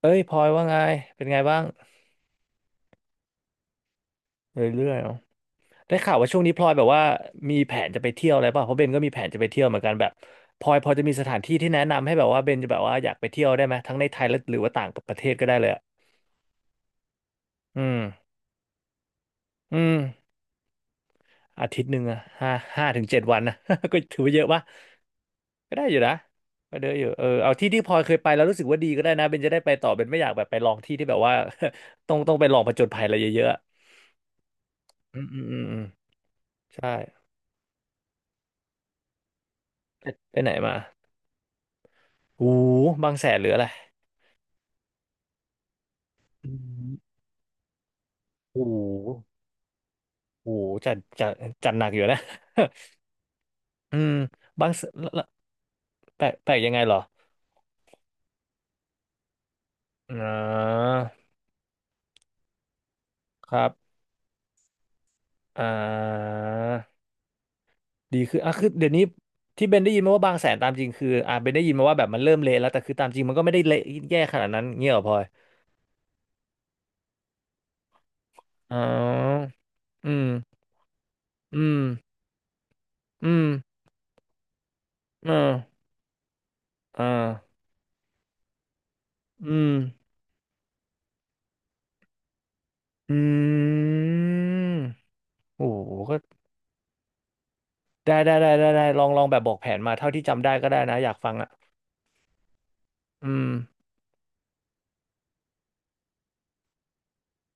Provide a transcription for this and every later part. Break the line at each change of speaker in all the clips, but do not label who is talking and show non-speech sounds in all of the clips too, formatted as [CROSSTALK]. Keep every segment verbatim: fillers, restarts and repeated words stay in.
เอ้ยพลอยว่าไงเป็นไงบ้างเรื่อยๆเนาะได้ข่าวว่าช่วงนี้พลอยแบบว่ามีแผนจะไปเที่ยวอะไรป่ะเพราะเบนก็มีแผนจะไปเที่ยวเหมือนกันแบบพลอยพอจะมีสถานที่ที่แนะนำให้แบบว่าเบนจะแบบว่าอยากไปเที่ยวได้ไหมทั้งในไทยและหรือว่าต่างประเทศก็ได้เลยอะอืมอืมอาทิตย์หนึ่งอะห้าห้าถึงเจ็ดวันนะ [LAUGHS] ก็ถือว่าเยอะปะก็ได้อยู่นะก็เยอะอยู่เออเอาที่ที่พลอยเคยไปแล้วรู้สึกว่าดีก็ได้นะเบนจะได้ไปต่อเบนไม่อยากแบบไปลองที่ที่แบบว่า [LAUGHS] ต้องต้องไปลองผจญภัยอะไรเยอะๆอะอืมอืมอืมอืมใช่ไปไหนมา โอ้โหบางแสนหรืออะไรอืมโอ้โหโอ้โหจัดจัดจัดหนักอยู่นะ [LAUGHS] อืมบางแสแลวแปลกแปลกยังไงเหรออ่าครับอ่าดีคืออ่ะคือเดี๋ยวนี้ที่เบนได้ยินมาว่าบางแสนตามจริงคืออ่าเบนได้ยินมาว่าแบบมันเริ่มเละแล้วแต่คือตามจริงมันก็ไม่ได้เละแย่ขนาดนั้นเงี้ยเหรอพลอยอ๋ออืมอืมอืมอ่าอ่าอืมอืมโอ้โหก็ ได้ได้ได้ได้ได้ลองลองแบบบอกแผนมาเท่าที่จำได้ก็ได้นะอยากฟังอ่ะอืม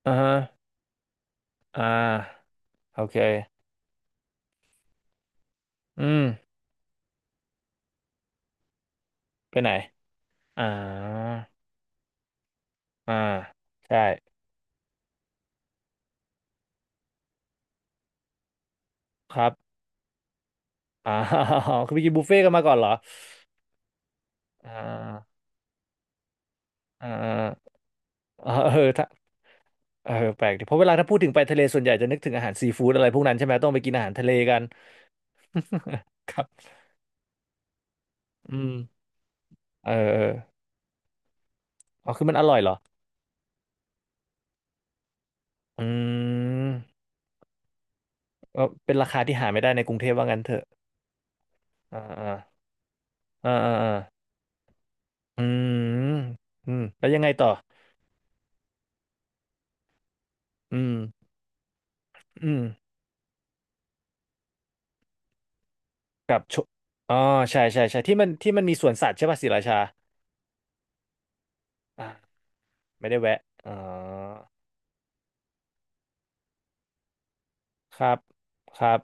อ่าฮะอ่าโอเคอืมไปไหนอ่าอ่าใช่ครับอ่า [LAUGHS] คือไปกินบุฟเฟ่ต์กันมาก่อนเหรออ่าอ่าเออเออถ้าเออแปลกดิเพราะเวลาถ้าพูดถึงไปทะเลส่วนใหญ่จะนึกถึงอาหารซีฟู้ดอะไรพวกนั้นใช่ไหมต้องไปกินอาหารทะเลกัน [LAUGHS] ครับอืมเออเอออ๋อคือมันอร่อยเหรออืมเออเป็นราคาที่หาไม่ได้ในกรุงเทพว่างั้นเถอะอ่า อ่าอ่าอ่าอืมอืมแล้วยังไงต่ออืมอืมกับชวอ๋อใช่ใช่ใช่ที่มันที่มันมีสวนสัตว์ใช่ป่ะศรีราชาอ่าไม่ได้แวะอ๋อครับครับ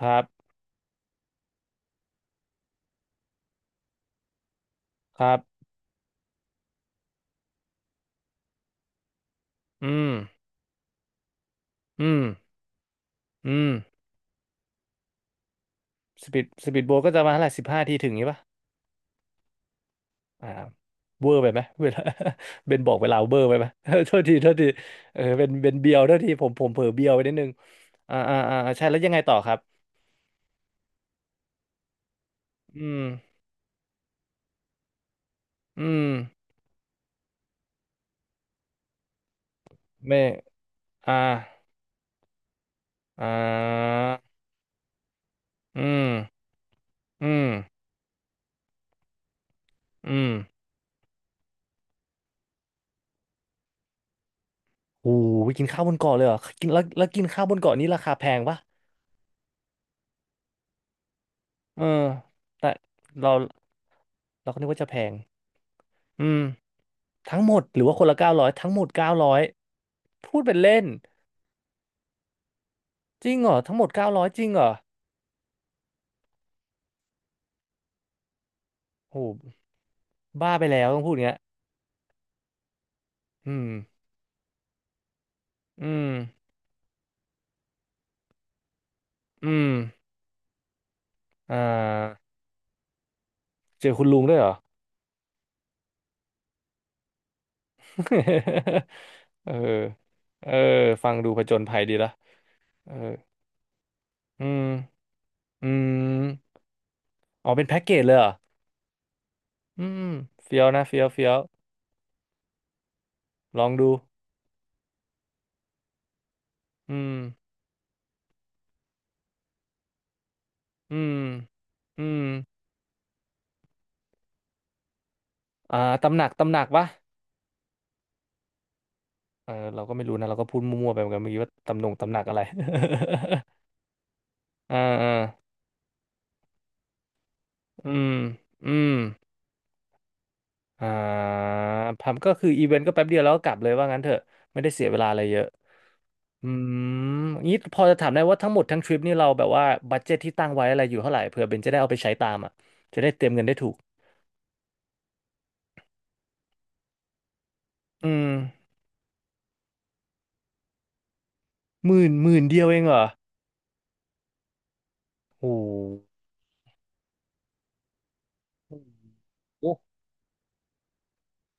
ครับครับอืมอืมอืมสปีดสปีดโบ๊ทก็จะมาเท่าไหร่สิบห้าทีถึงนี้ป่ะอ่าเวอร์ไปไหมเวลา [LAUGHS] เบนบอกเวลาเวอร์ไปไหม [LAUGHS] โทษทีโทษทีเออเป็นเบนเบียวโทษทีผมผมเผลอเบียวไปนิดนึงอ่าอ่าอ่าใช่แล้วยังไงต่อครับอืมอืมไม่ อ่าอ่าอืมอืมอืมโอ้ไปกินข้าวบนเกาะเลยเหรอกินแล้วแล้วกินข้าวบนเกาะนี้ราคาแพงปะเออแต่เราเราก็นึกว่าจะแพงอืมทั้งหมดหรือว่าคนละเก้าร้อยทั้งหมดเก้าร้อยพูดเป็นเล่นจริงเหรอทั้งหมดเก้าร้อยจริงเหรอโหบ้าไปแล้วต้องพูดอย่างเงี้ยอืมอืมอืมอ่าเจอคุณลุงด้วยเหรอ [LAUGHS] เออเออฟังดูผจญภัยดีละเอออืม อืมอ๋อเป็นแพ็กเกจเลยเหรออืมเฟี้ยวนะเฟี้ยวเฟี้ยวลองดูอืมอืมอืมอ่าตำหนักตำหนักวะเออเราก็ไม่รู้นะเราก็พูดมั่วๆไปเหมือนกันเมื่อกี้ว่าตำหนงตำหนักอะไร [LAUGHS] อ่าอ่าอืมอืมอ่าพัมก็คืออีเวนต์ก็แป๊บเดียวแล้วก็กลับเลยว่างั้นเถอะไม่ได้เสียเวลาอะไรเยอะอืมงี้พอจะถามได้ว่าทั้งหมดทั้งทริปนี่เราแบบว่าบัดเจ็ตที่ตั้งไว้อะไรอยู่เท่าไหร่เผื่อเบนจะได้เอาไปใช้ตามอ่ะจะได้เตรียมเงินได้ถูกอืม หมื่นหมื่นเดียวเองเหรอ โอ้โหโ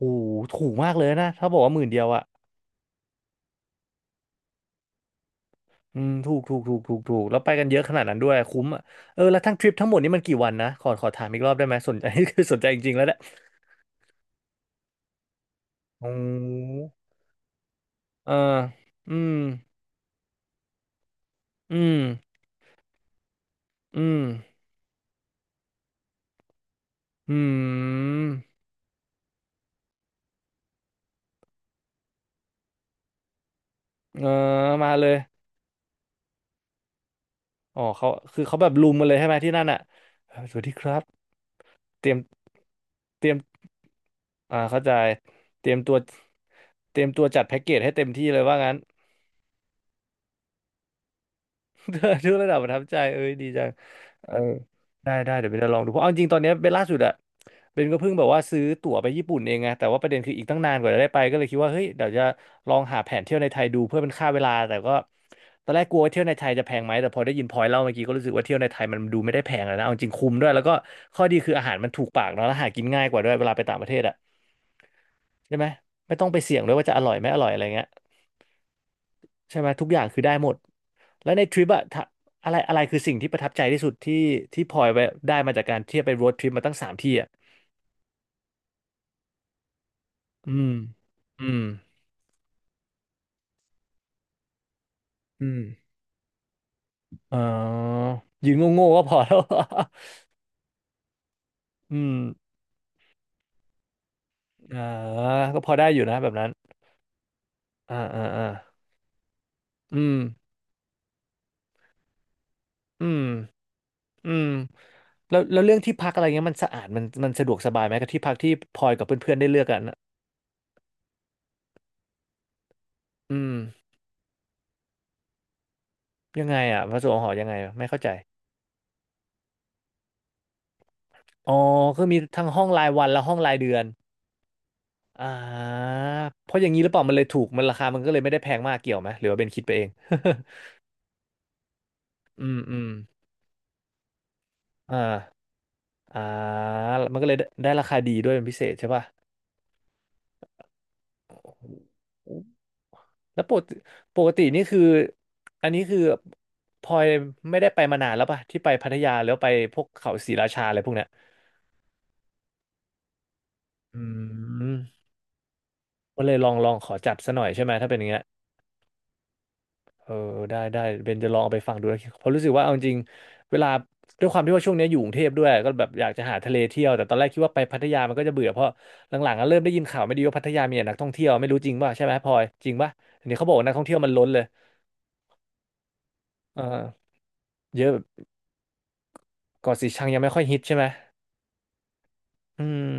อ้โหถูกมากเลยนะถ้าบอกว่าหมื่นเดียวอะอืมถูกถูกถูกถูกถูกแล้วไปกันเยอะขนาดนั้นด้วยคุ้มอะเออ แล้วทั้งทริปทั้งหมดนี่มันกี่วันนะ ขอขอถามอีกรอบได้ไหม สนใจ [LAUGHS] คือ [LAUGHS] สนใจจริงๆแล้วแหละโอ้เอออืมอืมอืมอืมเออมาเลย อ๋อเขาคือเขาแบบลุมมาเลยใช่ไหมที่นั่นอะเออสวัสดีครับ เตรียมเตรียมอ่าเข้าใจเตรียมตัวเตรียมตัวจัดแพ็กเกจให้เต็มที่เลยว่างั้น [LAUGHS] ทุกระดับประทับใจเอ้ยดีจังเออได้ได้เดี๋ยวเบนจะลองดูเพราะเอาจริงตอนเนี้ยเบนล่าสุดอะเบนก็เพิ่งแบบว่าซื้อตั๋วไปญี่ปุ่นเองไงแต่ว่าประเด็นคืออีกตั้งนานกว่าจะได้ไปก็เลยคิดว่าเฮ้ยเดี๋ยวจะลองหาแผนเที่ยวในไทยดูเพื่อเป็นค่าเวลา แต่ก็ตอนแรกกลัวว่าเที่ยวในไทยจะแพงไหมแต่พอได้ยินพอยเล่าเมื่อกี้ก็รู้สึกว่าเที่ยวในไทยมันดูไม่ได้แพงเลยนะเอาจริงคุ้มด้วยแล้วก็ข้อดีคืออาหารมันถูกปากเนาะแล้วหากินง่ายกว่าด้วยเวลาไปต่างประเทศอะ ใช่ไหมไม่ต้องไปเสี่ยงด้วยว่าจะอร่อยไม่อร่อยอะไรเงี้ยใช่ไหมทุกอย่างคือได้หมดแล้วในทริปอะถ้าอะไรอะไรคือสิ่งที่ประทับใจที่สุดที่ที่พลอยไปได้มาจากการเที่ยวไปโรดทริปมาตั้งสามที่อะอืมอืมอืมอ๋อยืนโง่ๆก็พอแล้ว [LAUGHS] อืมอ่าก็พอได้อยู่นะแบบนั้นอ่าอ่าอ่าอืมอืมอืมแล้วแล้วเรื่องที่พักอะไรเงี้ยมันสะอาดมันมันสะดวกสบายไหมกับที่พักที่พลอยกับเพื่อนๆได้เลือกกันอะอืมยังไงอ่ะพระสงฆ์หอยังไงอะไม่เข้าใจ อ๋อคือมีทั้งห้องรายวันและห้องรายเดือนอ่าเพราะอย่างนี้หรือเปล่ามันเลยถูกมันราคามันก็เลยไม่ได้แพงมากเกี่ยวไหมหรือว่าเป็นคิดไปเอง [LAUGHS] อืมอืมอ่าอ่ามันก็เลยได้ได้ราคาดีด้วยเป็นพิเศษใช่ป่ะแล้วปกติปกตินี่คืออันนี้คือพลอยไม่ได้ไปมานานแล้วป่ะที่ไปพัทยาแล้วาไปพวกเขาศรีราชาอะไรพวกเนี้ยอืมก็เลยลองลองขอจัดซะหน่อยใช่ไหมถ้าเป็นอย่างเงี้ย เออได้ได้เบนจะลองเอาไปฟังดูนะเพราะรู้สึกว่าเอาจริงๆเวลาด้วยความที่ว่าช่วงนี้อยู่กรุงเทพด้วยก็แบบอยากจะหาทะเลเที่ยวแต่ตอนแรกคิดว่าไปพัทยามันก็จะเบื่อเพราะหลังๆก็เริ่มได้ยินข่าวไม่ดีว่าพัทยามีแต่นักท่องเที่ยวไม่รู้จริงป่ะใช่ไหมพลอยจริงป่ะเดี๋ยวนี้เขาบอกว่านักท่องเที่ยวมันล้นเลยเออเยอะแบบเกาะสีชังยังไม่ค่อยฮิตใช่ไหมอืม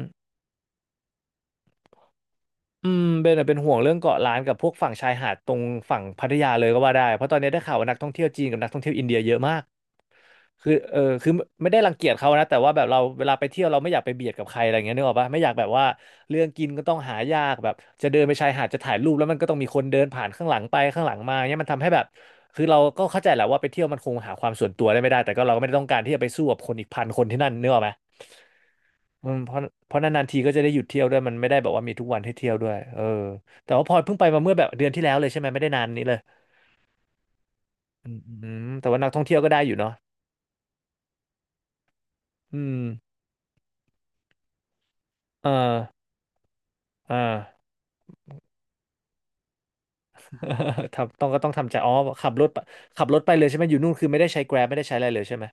อืมเบนอะเป็นห่วงเรื่องเกาะล้านกับพวกฝั่งชายหาดตรงฝั่งพัทยาเลยก็ว่าได้เพราะตอนนี้ได้ข่าวว่านักท่องเที่ยวจีนกับนักท่องเที่ยวอินเดียเยอะมาก คือเออคือไม่ได้รังเกียจเขานะแต่ว่าแบบเราเวลาไปเที่ยวเราไม่อยากไปเบียดกับใครอะไรเงี้ยนึกออกปะไม่อยากแบบว่าเรื่องกินก็ต้องหายากแบบจะเดินไปชายหาดจะถ่ายรูปแล้วมันก็ต้องมีคนเดินผ่านข้างหลังไปข้างหลังมาเนี้ยมันทำให้แบบคือเราก็เข้าใจแหละว่าไปเที่ยวมันคงหาความส่วนตัวได้ไม่ได้แต่ก็เราก็ไม่ได้ต้องการที่จะไปสู้กับคนอีกพันคนที่นั่นนึกออกไหมอืมเพราะเพราะนานๆทีก็จะได้หยุดเที่ยวด้วยมันไม่ได้แบบว่ามีทุกวันให้เที่ยวด้วยเออแต่ว่าพลอยเพิ่งไปมาเมื่อแบบเดือนที่แล้วเลยใช่ไหมไม่ได้นานนี้เลยอืมแต่ว่านักท่องเที่ยวก็ได้อยู่เนาะอืมเออเออ [LAUGHS] ทำต้องก็ต้องทำใจอ๋อขับรถไปขับรถไปเลยใช่ไหมอยู่นู่นคือไม่ได้ใช้ แกร็บ ไม่ได้ใช้อะไรเลยใช่ไหม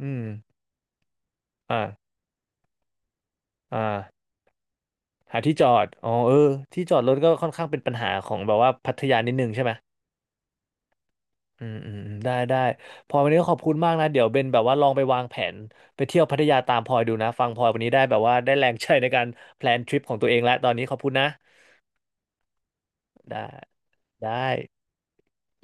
อืมอ่าอ่าหาที่จอดอ๋อเออที่จอดรถก็ค่อนข้างเป็นปัญหาของแบบว่าพัทยานิดนึงใช่ไหมอืมอืมอืมได้ได้พลอยวันนี้ก็ขอบคุณมากนะเดี๋ยวเบนแบบว่าลองไปวางแผนไปเที่ยวพัทยาตามพลอยดูนะฟังพลอยวันนี้ได้แบบว่าได้แรงใจในการแพลนทริปของตัวเองแล้วตอนนี้ขอบคุณนะได้ได้